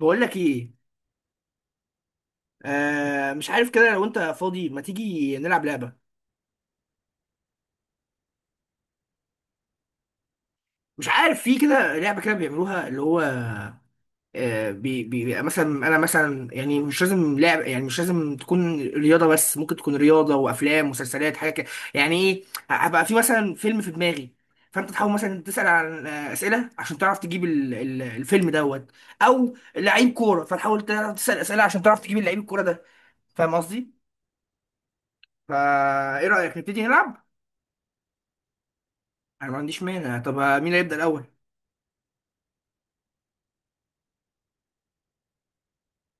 بقول لك ايه. آه مش عارف كده، لو انت فاضي ما تيجي نلعب لعبه. مش عارف في كده لعبه كده بيعملوها، اللي هو مثلا انا، مثلا يعني مش لازم لعب، يعني مش لازم تكون رياضه، بس ممكن تكون رياضه وافلام مسلسلات حاجه كده. يعني ايه، هبقى في مثلا فيلم في دماغي، فانت تحاول مثلا تسال عن اسئله عشان تعرف تجيب الفيلم دوت، او لعيب كوره، فتحاول تعرف تسال اسئله عشان تعرف تجيب اللعيب الكوره ده. فاهم قصدي؟ فايه رايك نبتدي نلعب. انا ما عنديش مانع، طب مين هيبدا الاول؟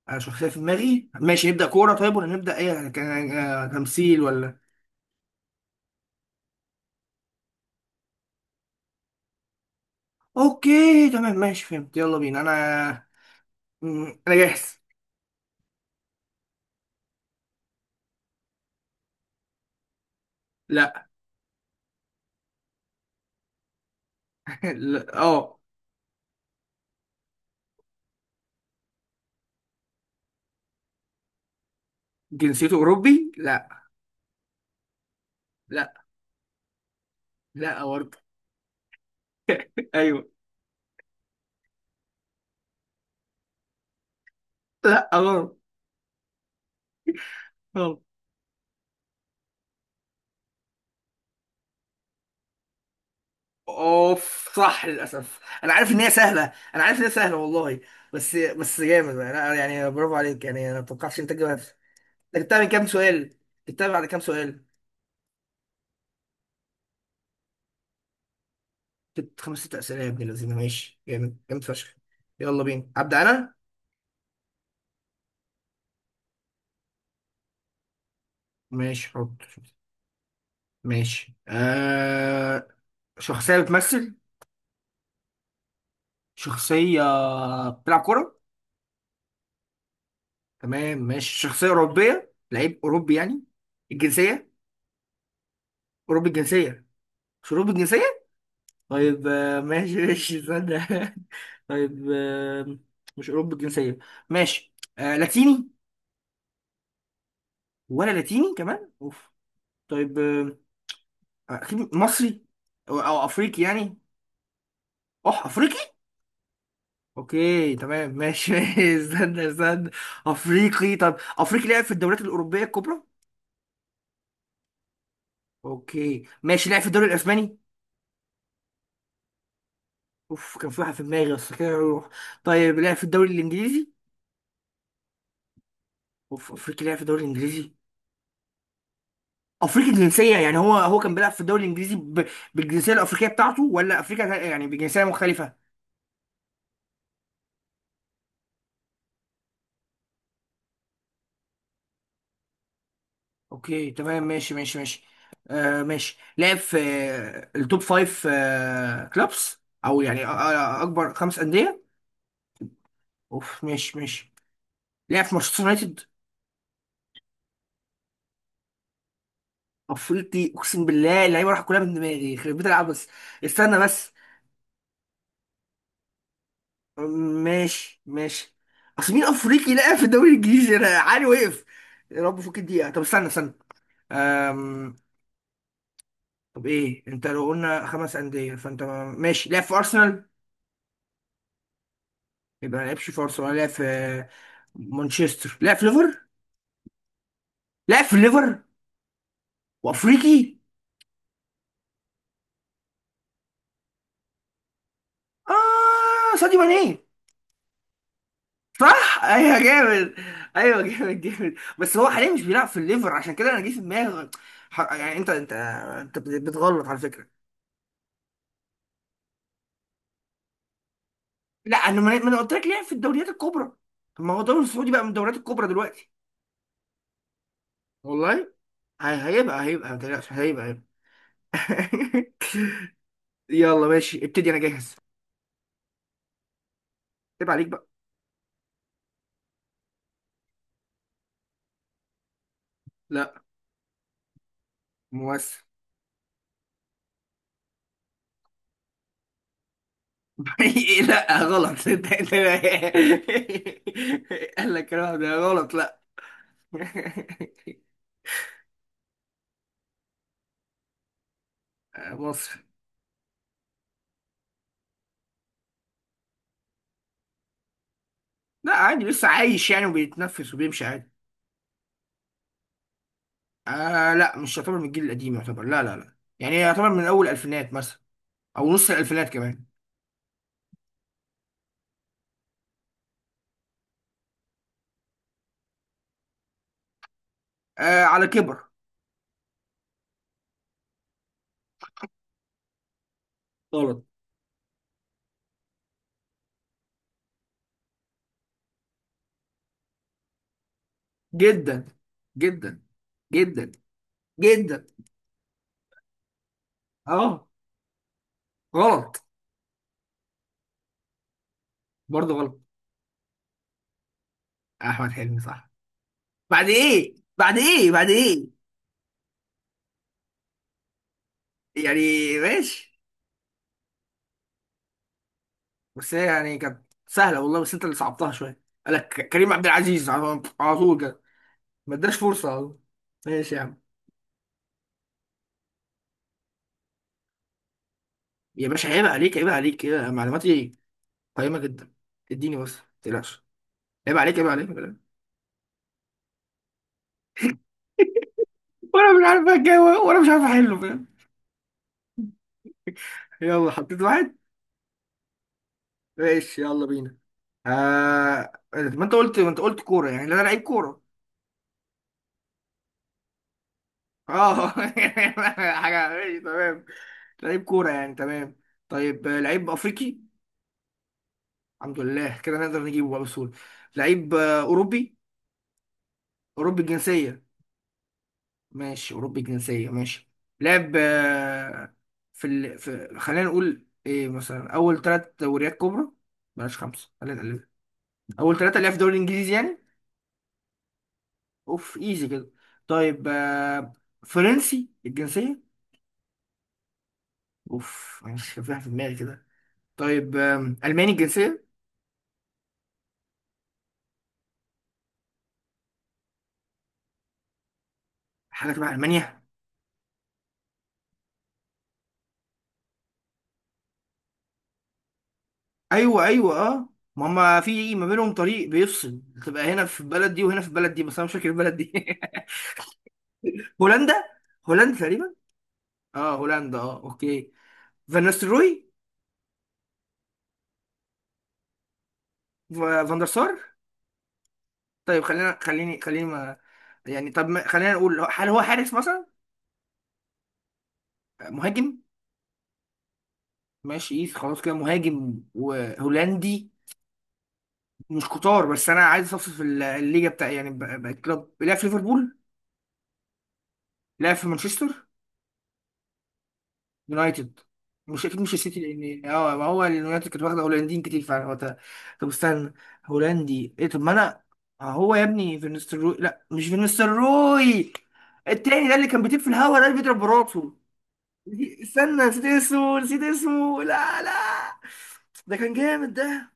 انا شخصيه في دماغي، ماشي نبدا كوره طيب، ولا نبدا ايه، يعني كان تمثيل ولا. اوكي تمام ماشي فهمت، يلا بينا انا. انا جاهز. لا. لا اه. جنسيته اوروبي؟ لا لا. لا برضه. ايوه. لا غلط. غلط. اوف صح، للاسف انا عارف ان هي سهله، انا عارف ان هي سهله والله، بس بس جامد، انا يعني برافو عليك، يعني انا ما توقعتش انت تجيبها. انت جبتها من كام سؤال، جبتها بعد كام سؤال؟ ست، خمس ست أسئلة يا ابن الذين، ماشي جامد جامد فشخ. يلا بينا أبدأ أنا. ماشي حط. ماشي آه. شخصية بتمثل؟ شخصية بتلعب كورة. تمام ماشي، شخصية أوروبية، لعيب أوروبي يعني، الجنسية، أوروبي الجنسية، مش أوروبي الجنسية؟ طيب آه ماشي ماشي استنى طيب آه، مش أوروبي الجنسية، ماشي. آه لاتيني، ولا لاتيني كمان، أوف. طيب آه، أكيد مصري، أو أفريقي يعني. أح أفريقي؟ أوكي تمام ماشي استنى استنى. أفريقي، طب أفريقي لعب في الدوريات الأوروبية الكبرى؟ أوكي ماشي، لعب في الدوري الأسباني؟ أوف كان في واحد في دماغي بس كده يروح. طيب لعب في الدوري الإنجليزي؟ أوف، أفريقي لعب في الدوري الإنجليزي؟ أفريقي الجنسية، يعني هو كان بيلعب في الدوري الإنجليزي ب... بالجنسية الأفريقية بتاعته، ولا أفريقيا يعني بجنسية مختلفة؟ أوكي تمام ماشي ماشي ماشي. آه ماشي، لعب في التوب فايف كلوبس، أو يعني أكبر خمس أندية؟ اوف ماشي ماشي. لعب في مانشستر يونايتد؟ افريقي، اقسم بالله اللعيبه راح كلها من دماغي، خربت بيت العب بس. استنى بس. ماشي ماشي. اصل مين افريقي لعب في الدوري الانجليزي، انا عالي وقف. يا رب فوق الدقيقه، طب استنى استنى. أم... طب ايه، انت لو قلنا خمس انديه فانت. ماشي لعب في ارسنال، يبقى ما لعبش في ارسنال. لعب في مانشستر، لعب في ليفر، لعب في ليفر وافريقي. اه ساديو ماني. صح ايوه جامد. ايوه جامد جامد، بس هو حاليا مش بيلعب في الليفر، عشان كده انا جه في دماغي. يعني انت انت بتغلط على فكره. لا انا ما ما انا قلت لك لعب في الدوريات الكبرى. طب ما هو الدوري السعودي بقى من الدوريات الكبرى دلوقتي. والله. هيبقى ما تقلقش، هيبقى. يلا ماشي ابتدي انا جاهز. عيب عليك بقى. لا. ممثل. إيه، لا غلط. انت قال لك الكلام ده غلط، لا. مصري. لا عادي لسه عايش يعني، وبيتنفس وبيمشي عادي. آه لا، مش يعتبر من الجيل القديم يعتبر، لا لا لا، يعني يعتبر من اول الالفينات مثلا، او نص الالفينات كمان. آه على كبر. غلط. جدا جدا. جدا جدا. اه. غلط. برضه غلط. احمد حلمي صح. بعد ايه، بعد ايه، بعد ايه يعني. ماشي. بس هي يعني كانت سهله والله، بس انت اللي صعبتها شويه. قالك كريم عبد العزيز على على طول كده، ما اداش فرصه. ماشي يا عم، يا باشا عيب عليك عيب عليك، يا معلوماتي قيمة جدا، اديني بس ما تقلقش. عيب عليك عيب عليك عيب عليك. وانا مش عارف اتجاوب، وانا مش عارف احله، فاهم. يلا حطيت واحد. ماشي يلا بينا. ما انت قلت كورة، يعني انا لعيب كورة. اه حاجة ماشي تمام. لعيب كورة يعني، تمام. طيب لعيب افريقي؟ الحمد لله كده نقدر نجيبه بقى بسهولة. لعيب اوروبي، اوروبي الجنسية. ماشي أوروبي الجنسية، ماشي. لعب في ال... في، خلينا نقول إيه مثلا، أول ثلاث دوريات كبرى، بلاش خمسة خلينا نقلل، أول ثلاثة اللي هي في الدوري الإنجليزي يعني. أوف إيزي كده. طيب فرنسي الجنسية؟ أوف، مش كان في واحد في دماغي كده. طيب ألماني الجنسية؟ حاجة تبع ألمانيا؟ أيوه أيوه أه. ما هما في ما بينهم طريق بيفصل، تبقى هنا في البلد دي وهنا في البلد دي، بس أنا مش فاكر البلد دي هولندا، هولندا تقريبا. اه هولندا اه اوكي. فان نيستلروي؟ فان دير سار؟ طيب خلينا، خليني خليني ما، يعني طب خلينا نقول، هل هو حارس مثلا؟ مهاجم. ماشي إيه، خلاص كده مهاجم وهولندي، مش كتار. بس انا عايز اصفصف في الليجا بتاع، يعني بقى كلوب. لعب في ليفربول؟ لعب في مانشستر يونايتد؟ مش اكيد مش السيتي، لان اه ما هو اليونايتد كانت واخده هولنديين كتير فعلا وقتها. طب استنى، هولندي ايه، طب ما انا. هو يا ابني فينستروي، لا مش فينستروي، التاني ده اللي كان بيطير في الهوا، ده اللي بيضرب براته. استنى، نسيت اسمه، نسيت اسمه، لا لا. ده كان جامد ده.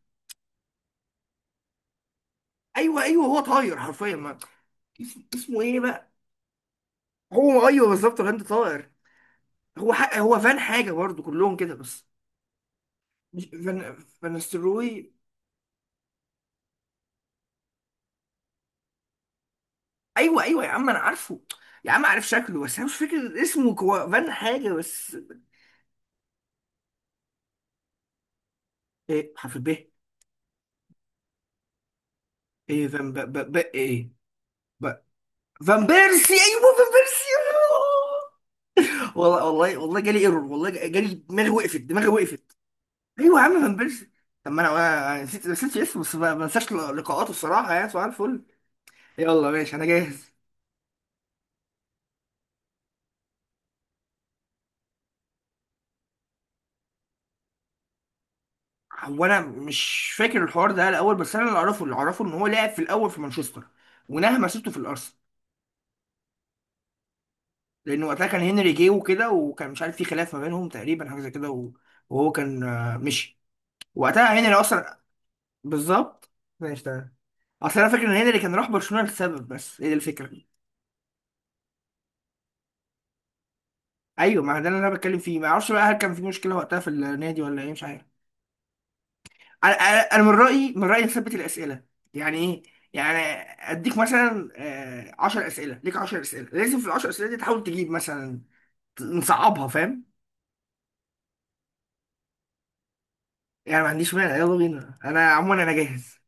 ايوه ايوه، هو طاير حرفيا ما. اسمه ايه بقى. هو ايوه بالظبط الهند طاير، هو حق، هو فان حاجه برضو كلهم كده بس. مش فان، فانستروي. ايوه ايوه يا عم انا عارفه، يا عم عارف شكله، بس انا مش فاكر اسمه، كو... فان حاجه بس. ايه حرف ب؟ ايه فان ب... ب... ب... ايه. ب... فان بيرسي، ايوه فان بيرسي. والله والله والله جالي ايرور، والله جالي، دماغي وقفت، دماغي وقفت. ايوه يا عم فان بيرسي. طب ما انا، أنا نسيت، نسيت اسمه، بس ما ما انساش لقاءاته الصراحه، يعني سؤال الفل. يلا ماشي انا جاهز. هو انا مش فاكر الحوار ده الاول، بس انا اللي اعرفه، اللي اعرفه ان هو لعب في الاول في مانشستر، ونهى مسيرته في الارسنال، لان وقتها كان هنري جه وكده، وكان مش عارف في خلاف ما بينهم تقريبا، حاجه زي كده وهو كان مشي، وقتها هنري اصلا. بالظبط. ماشي تمام. اصل انا فاكر ان هنري كان راح برشلونه لسبب، بس هي دي الفكره. ايوه ما ده اللي انا بتكلم فيه، ما اعرفش بقى هل كان في مشكله وقتها في النادي ولا ايه، مش عارف. انا أنا من رايي، من رايي نثبت الاسئله. يعني ايه يعني، اديك مثلا 10 اسئله ليك، 10 اسئله، لازم في ال 10 اسئله دي تحاول تجيب مثلا، نصعبها، فاهم. يعني ما عنديش مانع يلا بينا، انا عموما انا جاهز.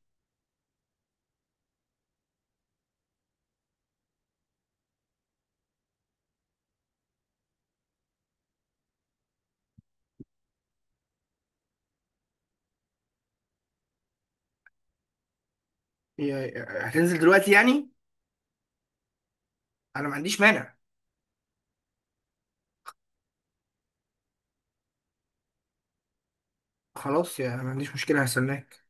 يا-، هتنزل دلوقتي يعني؟ انا ما عنديش مانع. خلاص يا، ما عنديش مشكله هستناك.